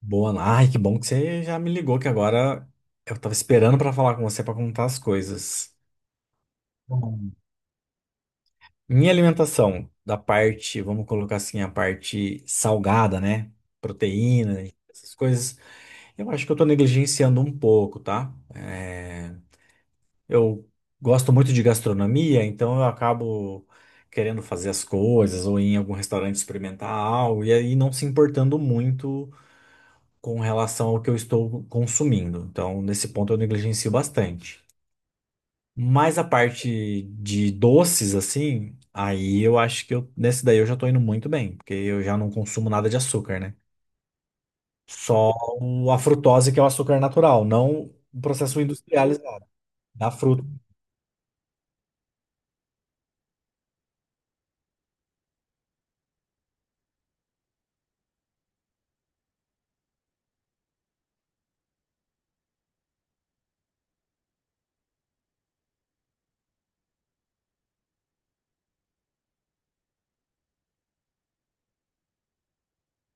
Boa, ai, que bom que você já me ligou, que agora eu tava esperando pra falar com você pra contar as coisas. Bom. Minha alimentação, da parte, vamos colocar assim, a parte salgada, né? Proteína, e essas coisas, eu acho que eu tô negligenciando um pouco, tá? Eu gosto muito de gastronomia, então eu acabo querendo fazer as coisas ou ir em algum restaurante experimentar algo e aí não se importando muito com relação ao que eu estou consumindo. Então, nesse ponto eu negligencio bastante. Mas a parte de doces, assim, aí eu acho que nesse daí eu já tô indo muito bem, porque eu já não consumo nada de açúcar, né? Só a frutose, que é o açúcar natural, não o processo industrializado da fruta.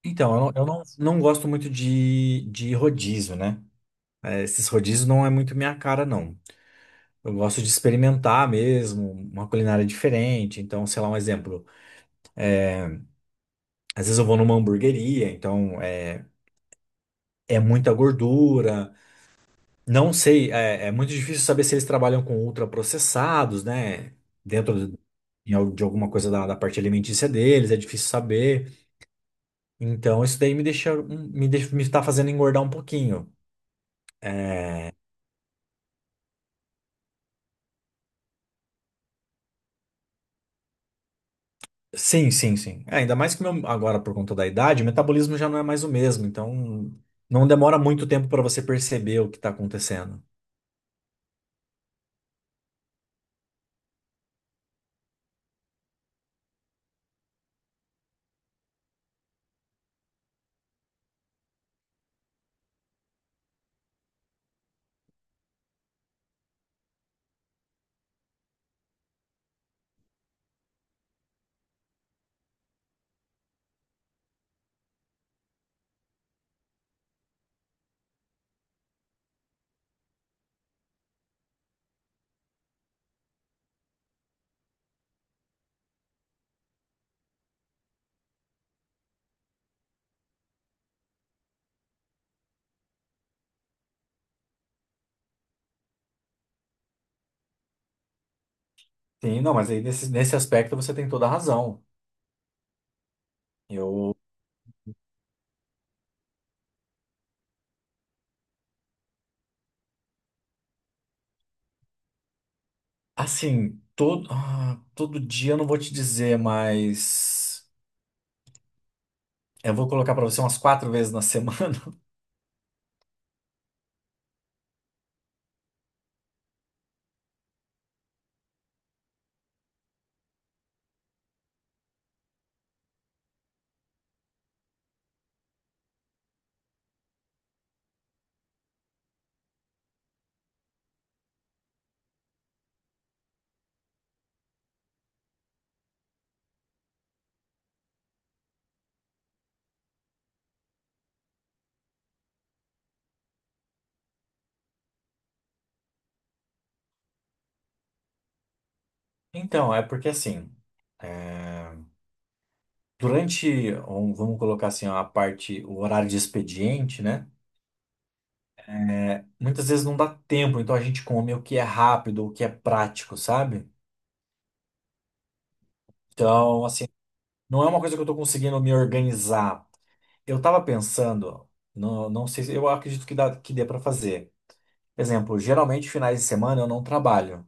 Então, eu não, não gosto muito de rodízio, né? É, esses rodízios não é muito minha cara, não. Eu gosto de experimentar mesmo, uma culinária diferente. Então, sei lá, um exemplo. Às vezes eu vou numa hamburgueria, é muita gordura. Não sei, é muito difícil saber se eles trabalham com ultraprocessados, né? Dentro de, de alguma coisa da parte alimentícia deles, é difícil saber. Então isso daí me deixa, me está fazendo engordar um pouquinho. Sim, sim, sim. É, ainda mais que meu, agora por conta da idade, o metabolismo já não é mais o mesmo. Então não demora muito tempo para você perceber o que está acontecendo. Sim, não, mas aí nesse aspecto você tem toda a razão. Eu... Assim, todo dia eu não vou te dizer, mas eu vou colocar pra você umas quatro vezes na semana. Então, é porque assim, é, vamos colocar assim, a parte, o horário de expediente, né? Muitas vezes não dá tempo, então a gente come o que é rápido, o que é prático, sabe? Então, assim, não é uma coisa que eu tô conseguindo me organizar. Eu tava pensando, não, não sei, eu acredito que que dê pra fazer. Exemplo, geralmente finais de semana eu não trabalho.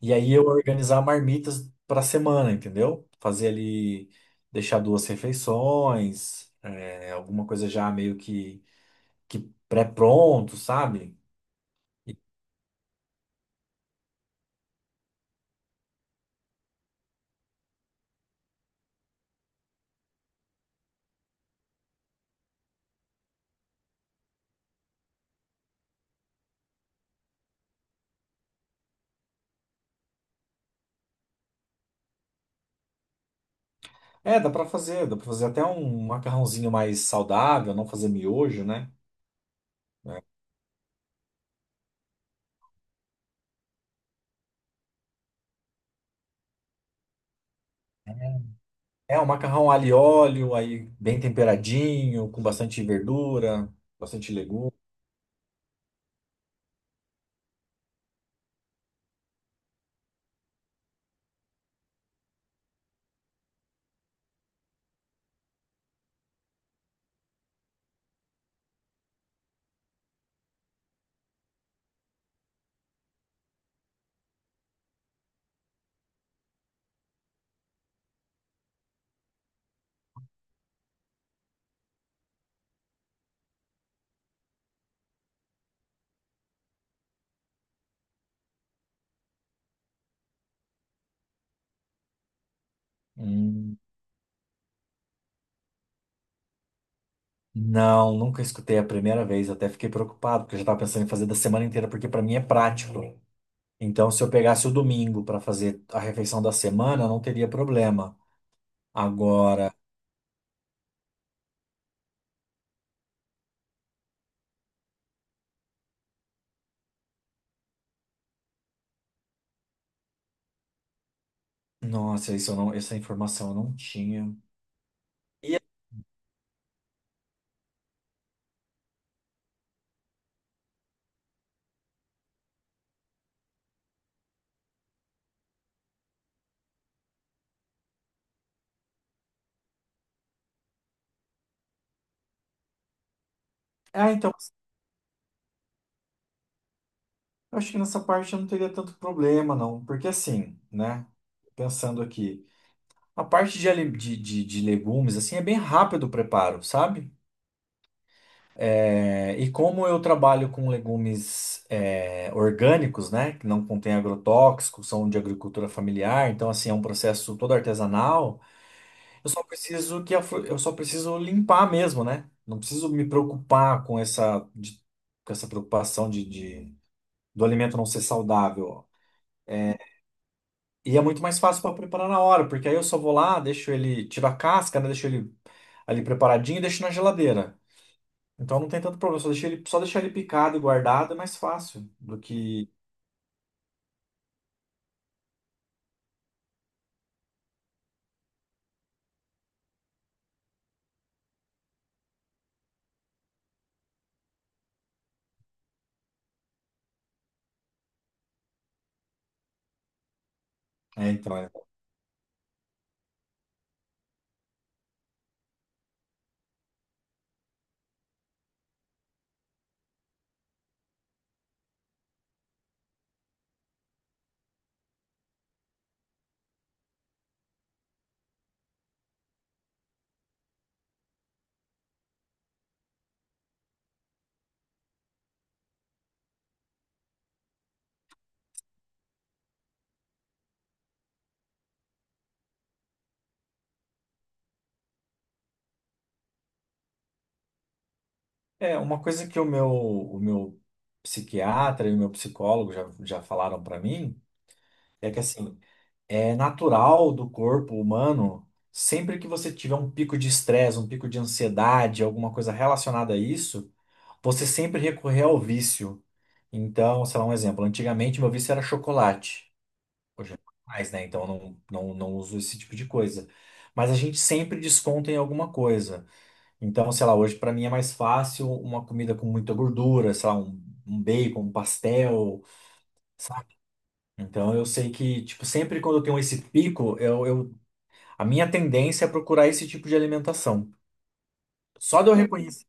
E aí eu organizar marmitas para semana, entendeu? Fazer ali, deixar duas refeições, é, alguma coisa já meio que pré-pronto, sabe? E- É, dá para fazer até um macarrãozinho mais saudável, não fazer miojo, né? É, um macarrão alho e óleo, aí bem temperadinho, com bastante verdura, bastante legume. Hum. Não, nunca escutei a primeira vez, até fiquei preocupado, porque eu já estava pensando em fazer da semana inteira, porque para mim é prático. Então, se eu pegasse o domingo para fazer a refeição da semana, não teria problema. Agora, nossa, isso eu não, essa informação eu não tinha. E, ah, então, eu acho que nessa parte eu não teria tanto problema, não. Porque assim, né? Pensando aqui, a parte de legumes, assim, é bem rápido o preparo, sabe? É, e como eu trabalho com legumes é, orgânicos, né? Que não contém agrotóxicos, são de agricultura familiar, então, assim, é um processo todo artesanal. Eu só preciso limpar mesmo, né? Não preciso me preocupar com essa preocupação do alimento não ser saudável. E é muito mais fácil para preparar na hora, porque aí eu só vou lá, deixo ele, tiro a casca, né? Deixo ele ali preparadinho e deixo na geladeira. Então não tem tanto problema, só deixar ele picado e guardado é mais fácil do que é, então é. É, uma coisa que o meu psiquiatra e o meu psicólogo já falaram para mim é que assim é natural do corpo humano, sempre que você tiver um pico de estresse, um pico de ansiedade, alguma coisa relacionada a isso, você sempre recorrer ao vício. Então, sei lá, um exemplo. Antigamente meu vício era chocolate. Hoje é mais, né? Então eu não, não, não uso esse tipo de coisa. Mas a gente sempre desconta em alguma coisa. Então, sei lá, hoje para mim é mais fácil uma comida com muita gordura, sei lá, um bacon, um pastel, sabe? Então eu sei que, tipo, sempre quando eu tenho esse pico, eu a minha tendência é procurar esse tipo de alimentação. Só de eu... Uhum. Reconhecer.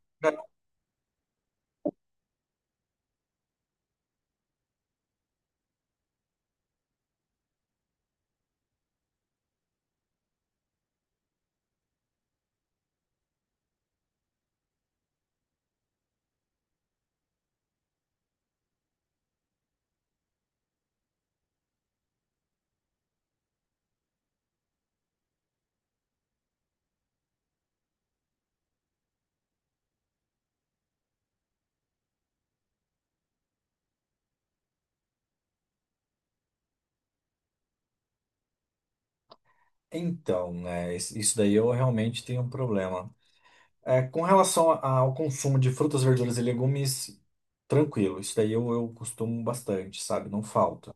Então, né, isso daí eu realmente tenho um problema. É, com relação ao consumo de frutas, verduras e legumes, tranquilo. Isso daí eu costumo bastante, sabe? Não falta.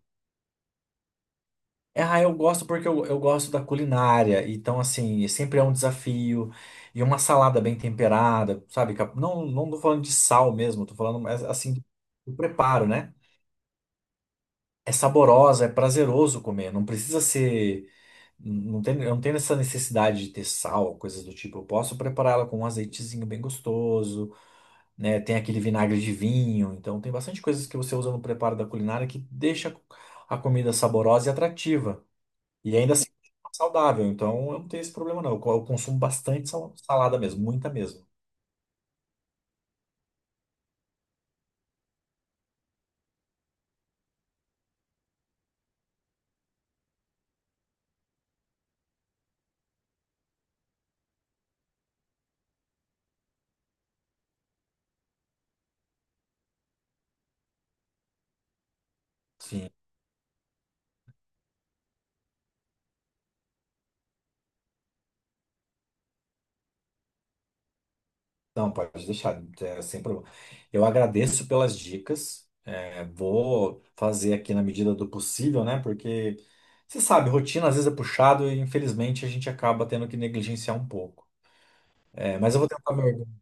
É, ah, eu gosto porque eu gosto da culinária. Então, assim, sempre é um desafio. E uma salada bem temperada, sabe? Não, não tô falando de sal mesmo, tô falando mas, assim, do preparo, né? É saborosa, é prazeroso comer. Não precisa ser. Não tem, eu não tenho essa necessidade de ter sal, coisas do tipo. Eu posso prepará-la com um azeitezinho bem gostoso, né? Tem aquele vinagre de vinho. Então, tem bastante coisas que você usa no preparo da culinária que deixa a comida saborosa e atrativa. E ainda assim, é saudável. Então, eu não tenho esse problema, não. Eu consumo bastante salada mesmo, muita mesmo. Sim. Não, pode deixar, é, sem problema. Eu agradeço pelas dicas. É, vou fazer aqui na medida do possível, né? Porque você sabe, rotina às vezes é puxado e infelizmente a gente acaba tendo que negligenciar um pouco. É, mas eu vou tentar me organizar.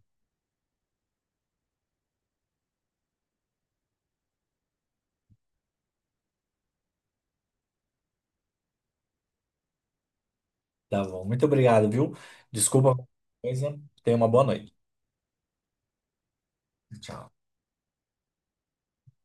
Tá bom. Muito obrigado, viu? Desculpa qualquer coisa. Tenha uma boa noite. Tchau.